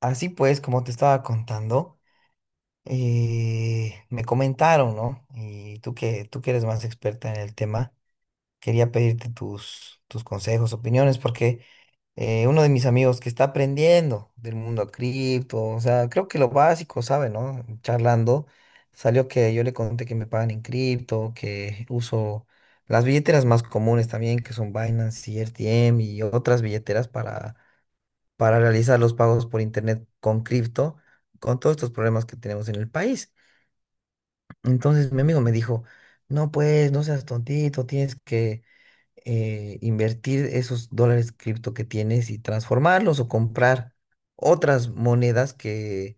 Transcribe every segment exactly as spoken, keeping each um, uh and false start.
Así pues, como te estaba contando, eh, me comentaron, ¿no? Y tú que, tú que eres más experta en el tema, quería pedirte tus, tus consejos, opiniones, porque eh, uno de mis amigos que está aprendiendo del mundo cripto, o sea, creo que lo básico, ¿sabe, no? Charlando, salió que yo le conté que me pagan en cripto, que uso las billeteras más comunes también, que son Binance y R T M y otras billeteras para para realizar los pagos por internet con cripto, con todos estos problemas que tenemos en el país. Entonces mi amigo me dijo, no pues, no seas tontito, tienes que eh, invertir esos dólares cripto que tienes y transformarlos o comprar otras monedas que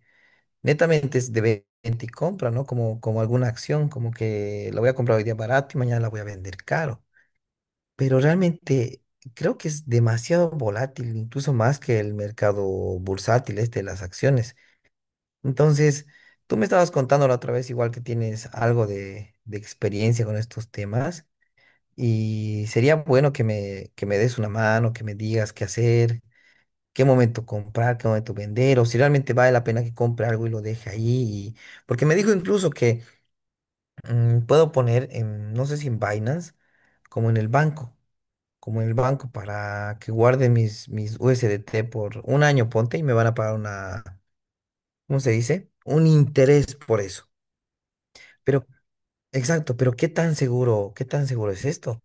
netamente es de venta y compra, ¿no? Como, como alguna acción, como que la voy a comprar hoy día barato y mañana la voy a vender caro, pero realmente creo que es demasiado volátil, incluso más que el mercado bursátil, este de las acciones. Entonces, tú me estabas contando la otra vez, igual que tienes algo de, de experiencia con estos temas, y sería bueno que me, que me des una mano, que me digas qué hacer, qué momento comprar, qué momento vender, o si realmente vale la pena que compre algo y lo deje ahí. Y- porque me dijo incluso que mm, puedo poner, en, no sé si en Binance, como en el banco como en el banco para que guarde mis, mis U S D T por un año, ponte, y me van a pagar una, ¿cómo se dice? Un interés por eso. Pero, exacto, pero ¿qué tan seguro, qué tan seguro es esto?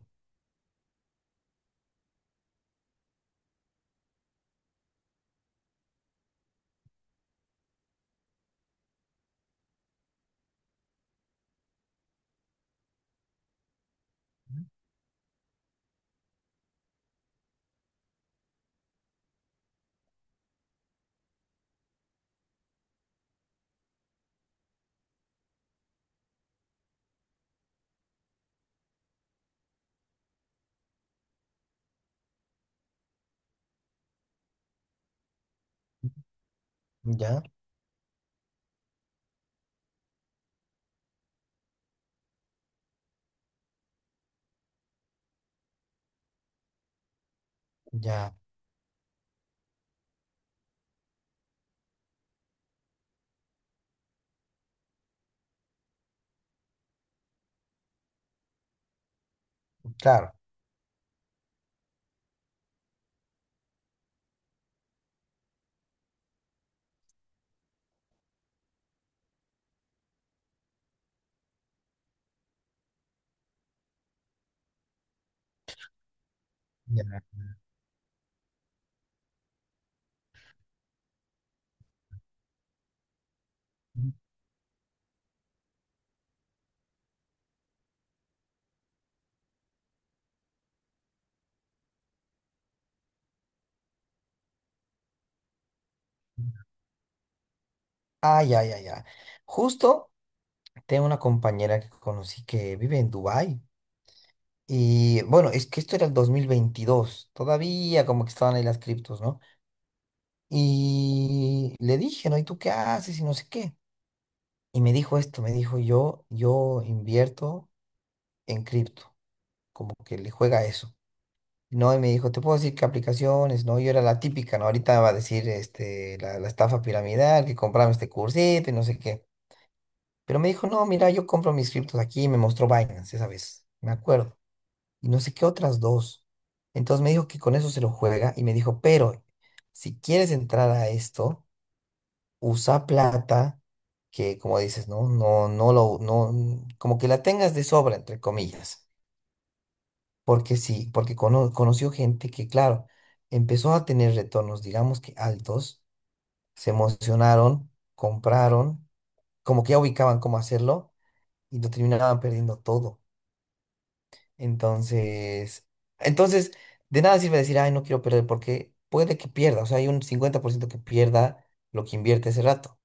Ya, ya, claro. Ya. Ah, ya, ya, ya. Justo tengo una compañera que conocí que vive en Dubái. Y bueno, es que esto era el dos mil veintidós. Todavía como que estaban ahí las criptos, ¿no? Y le dije, ¿no? ¿Y tú qué haces? Y no sé qué. Y me dijo esto, me dijo yo, yo invierto en cripto, como que le juega a eso. No, y me dijo, te puedo decir qué aplicaciones, no, yo era la típica, ¿no? Ahorita va a decir este, la, la estafa piramidal, que compraba este cursito y no sé qué. Pero me dijo, no, mira, yo compro mis criptos aquí, y me mostró Binance esa vez, me acuerdo. Y no sé qué otras dos. Entonces me dijo que con eso se lo juega y me dijo, pero si quieres entrar a esto, usa plata que, como dices, no, no, no lo, no, como que la tengas de sobra, entre comillas. Porque sí, porque cono- conoció gente que, claro, empezó a tener retornos, digamos que altos, se emocionaron, compraron, como que ya ubicaban cómo hacerlo y lo terminaban perdiendo todo. Entonces, entonces, de nada sirve decir, ay, no quiero perder, porque puede que pierda, o sea, hay un cincuenta por ciento que pierda lo que invierte ese rato.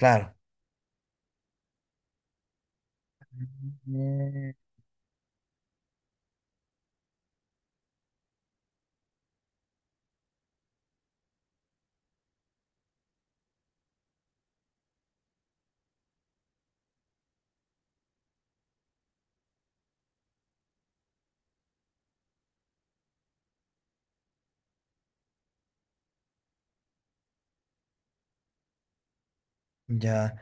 Claro. Mm. Ya.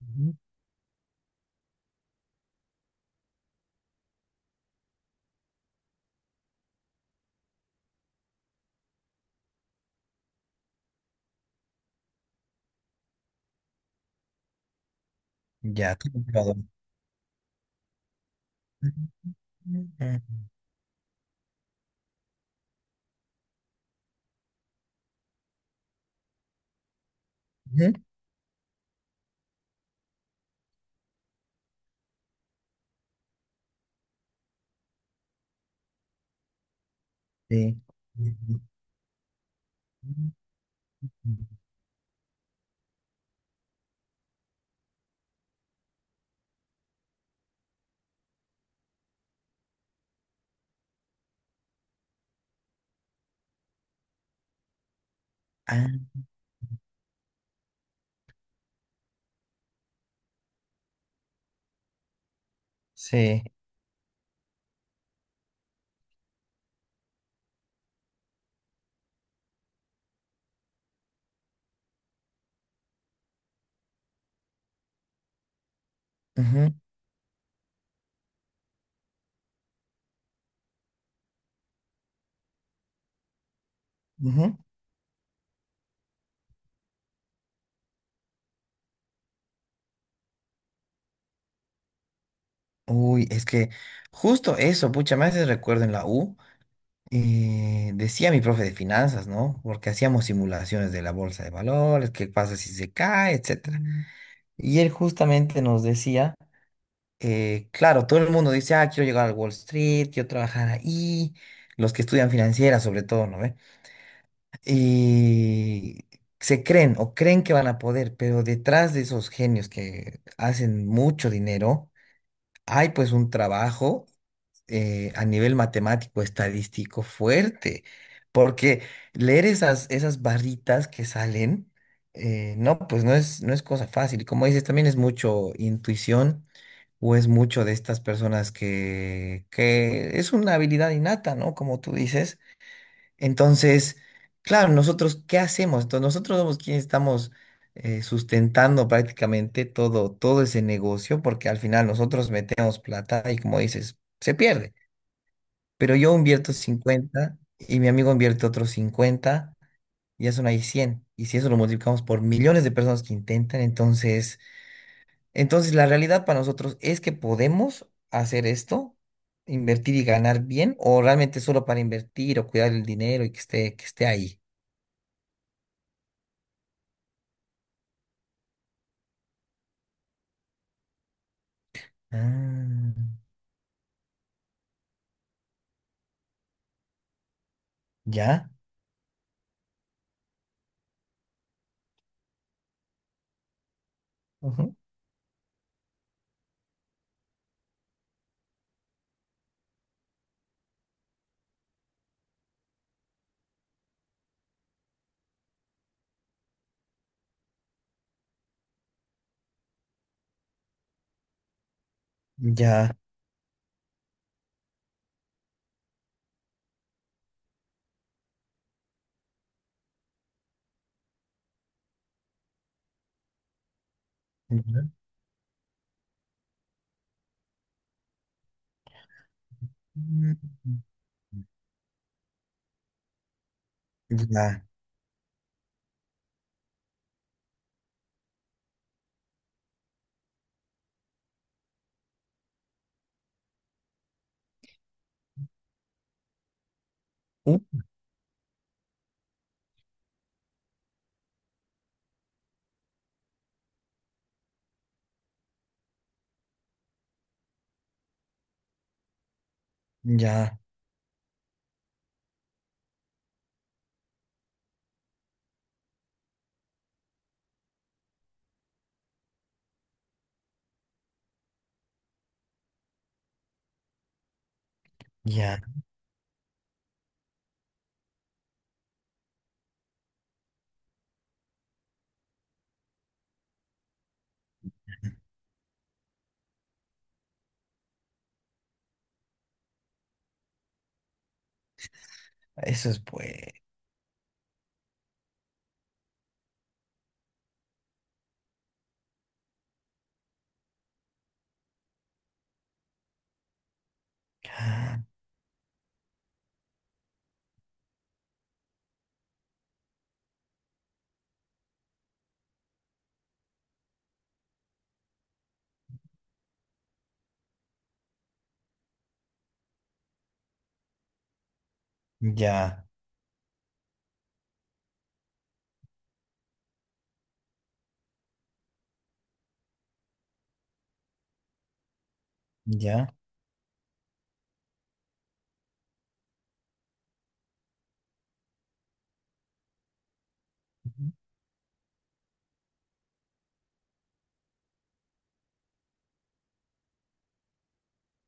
Ujú. Ya, qué complicado. Ujú, ujú. Sí. Ujú, ujú. Ah, sí. Ujú, ujú. Uy, es que justo eso, pucha, me hace recuerdo en la U, eh, decía mi profe de finanzas, ¿no? Porque hacíamos simulaciones de la bolsa de valores, qué pasa si se cae, etcétera. Mm. Y él justamente nos decía, eh, claro, todo el mundo dice, ah, quiero llegar al Wall Street, quiero trabajar ahí, los que estudian financiera sobre todo, ¿no? Y se creen o creen que van a poder, pero detrás de esos genios que hacen mucho dinero, hay pues un trabajo eh, a nivel matemático, estadístico fuerte, porque leer esas, esas barritas que salen, eh, no, pues no es, no es cosa fácil. Y como dices, también es mucho intuición. O es mucho de estas personas que, que es una habilidad innata, ¿no? Como tú dices entonces, claro, nosotros, ¿qué hacemos? Entonces, nosotros somos quienes estamos eh, sustentando prácticamente todo, todo ese negocio, porque al final nosotros metemos plata y como dices, se pierde. Pero yo invierto cincuenta y mi amigo invierte otros cincuenta y ya son ahí cien. Y si eso lo multiplicamos por millones de personas que intentan, entonces, entonces la realidad para nosotros es que podemos hacer esto, invertir y ganar bien, o realmente solo para invertir o cuidar el dinero y que esté, que esté ahí. Ah, ya, ujú. Ya, ya, mm, ya, uh, ya, ya, eso es bueno, ya, ya, ya,